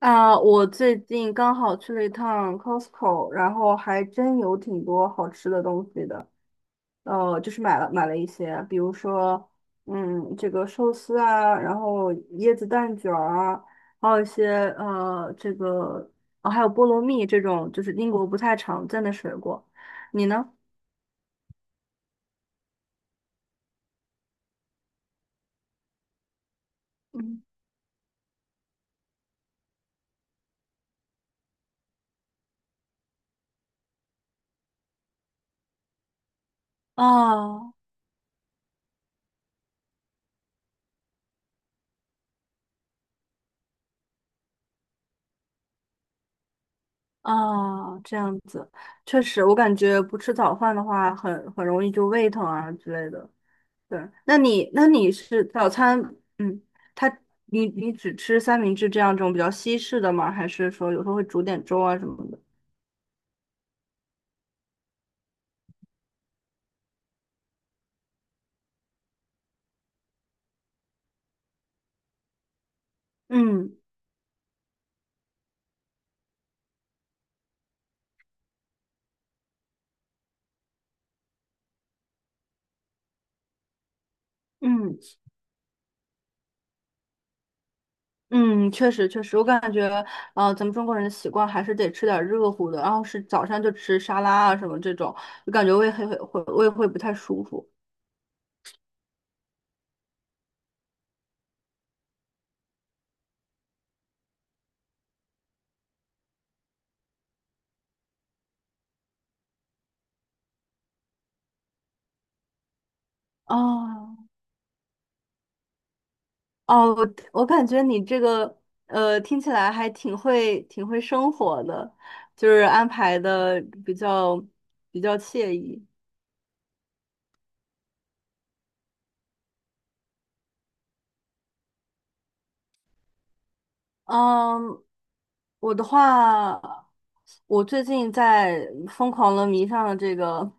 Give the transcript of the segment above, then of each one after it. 啊，我最近刚好去了一趟 Costco，然后还真有挺多好吃的东西的。就是买了一些，比如说，嗯，这个寿司啊，然后椰子蛋卷儿啊，还有一些这个哦，还有菠萝蜜这种，就是英国不太常见的水果。你呢？嗯，啊哦，这样子，确实，我感觉不吃早饭的话很容易就胃疼啊之类的。对，那你是早餐，嗯，他你只吃三明治这种比较西式的吗？还是说有时候会煮点粥啊什么的？嗯嗯嗯，确实，我感觉咱们中国人的习惯还是得吃点热乎的，然后是早上就吃沙拉啊什么这种，就感觉胃会不太舒服。哦哦，我感觉你这个听起来还挺会生活的，就是安排的比较比较惬意。嗯，我的话，我最近在疯狂的迷上了这个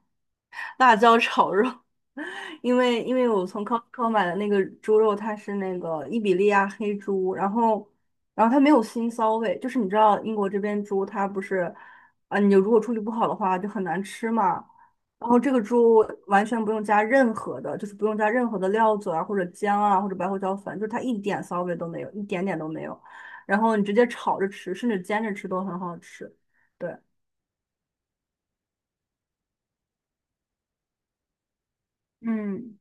辣椒炒肉，因为我从 Costco 买的那个猪肉，它是那个伊比利亚黑猪，然后然后它没有腥骚味，就是你知道英国这边猪它不是啊，你如果处理不好的话就很难吃嘛。然后这个猪完全不用加任何的，就是不用加任何的料酒啊，或者姜啊，或者白胡椒粉，就是它一点骚味都没有，一点点都没有。然后你直接炒着吃，甚至煎着吃都很好吃。对，嗯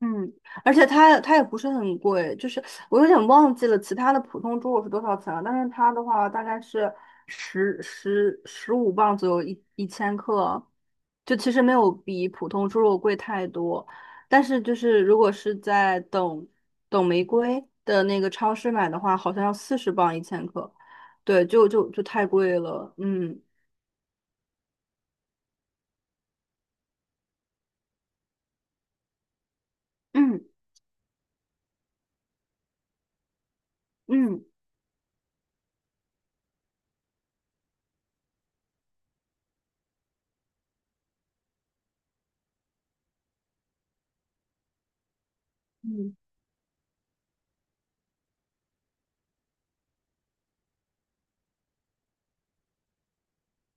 嗯，而且它也不是很贵，就是我有点忘记了其他的普通猪肉是多少钱了，但是它的话大概是十五磅左右一千克，就其实没有比普通猪肉贵太多，但是就是如果是在等玫瑰的那个超市买的话，好像要四十磅一千克，对，就太贵了，嗯嗯嗯。嗯。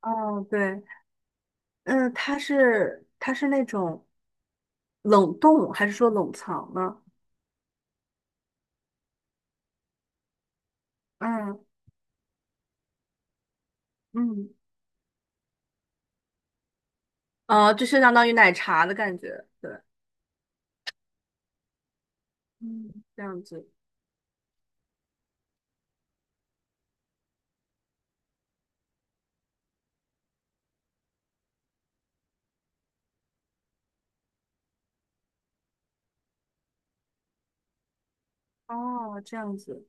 哦，对，嗯，它是那种冷冻还是说冷藏呢？嗯嗯，就是相当于奶茶的感觉，对，嗯，这样子，哦，这样子，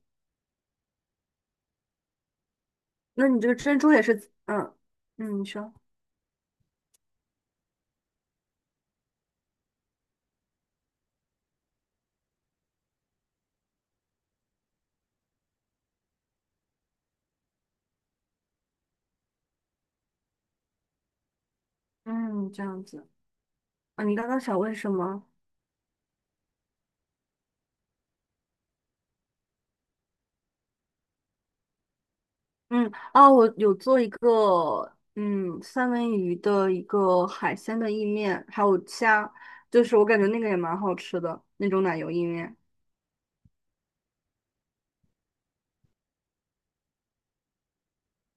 那你这个珍珠也是，嗯嗯，你说，嗯，这样子，啊，你刚刚想问什么？嗯，啊，我有做一个，嗯，三文鱼的一个海鲜的意面，还有虾，就是我感觉那个也蛮好吃的那种奶油意面。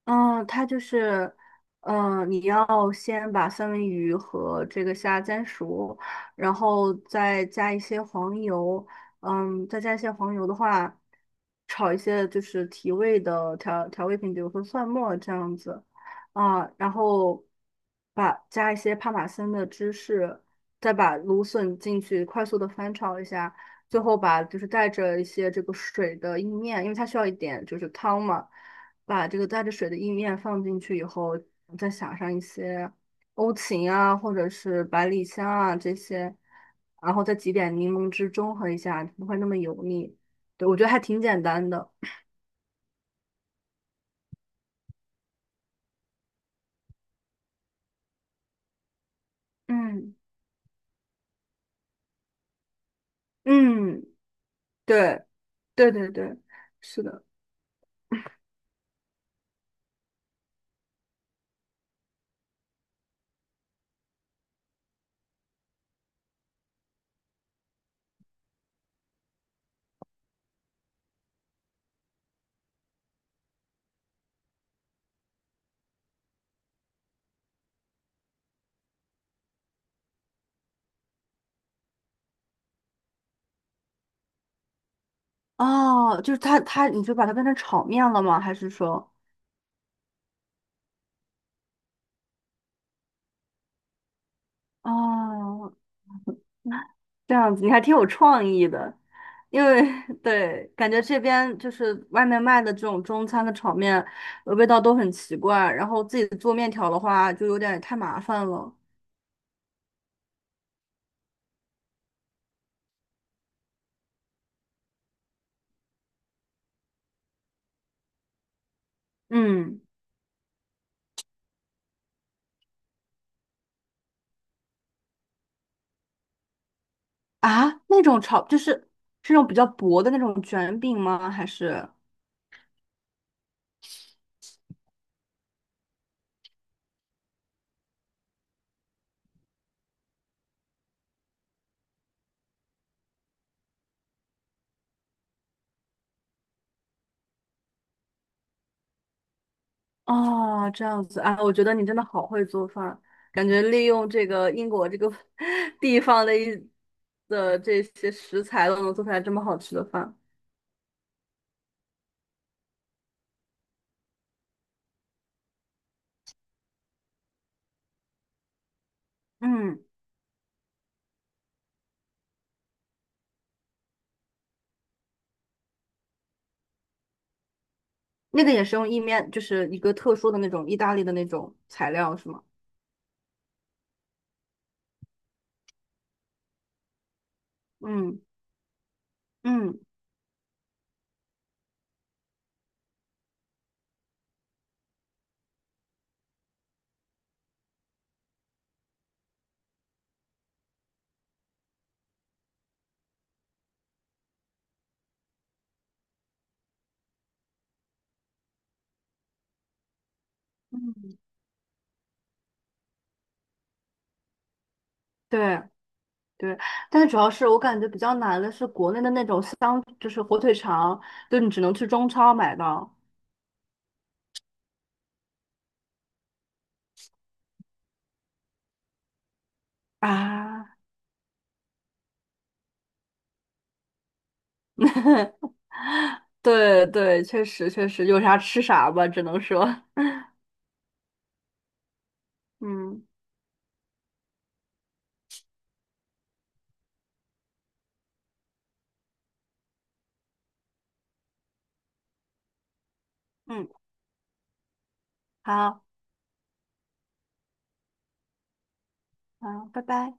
嗯，它就是，嗯，你要先把三文鱼和这个虾煎熟，然后再加一些黄油，嗯，再加一些黄油的话，炒一些就是提味的调味品，比如说蒜末这样子，啊，然后把加一些帕玛森的芝士，再把芦笋进去，快速的翻炒一下，最后把就是带着一些这个水的意面，因为它需要一点就是汤嘛。把这个带着水的意面放进去以后，再撒上一些欧芹啊，或者是百里香啊这些，然后再挤点柠檬汁中和一下，不会那么油腻。对，我觉得还挺简单的。嗯嗯，对对对对，是的。哦，就是它，你就把它变成炒面了吗？还是说，哦这样子你还挺有创意的，因为 对，感觉这边就是外面卖的这种中餐的炒面，呃味道都很奇怪，然后自己做面条的话就有点太麻烦了。嗯，啊，那种炒就是是那种比较薄的那种卷饼吗？还是？哦，这样子啊，我觉得你真的好会做饭，感觉利用这个英国这个 地方的一的这些食材都能做出来这么好吃的饭。嗯。那个也是用意面，就是一个特殊的那种意大利的那种材料，是吗？嗯嗯嗯，对对，但是主要是我感觉比较难的是国内的那种香，就是火腿肠，就你只能去中超买到啊。对对，确实，有啥吃啥吧，只能说，嗯嗯，好好，拜拜。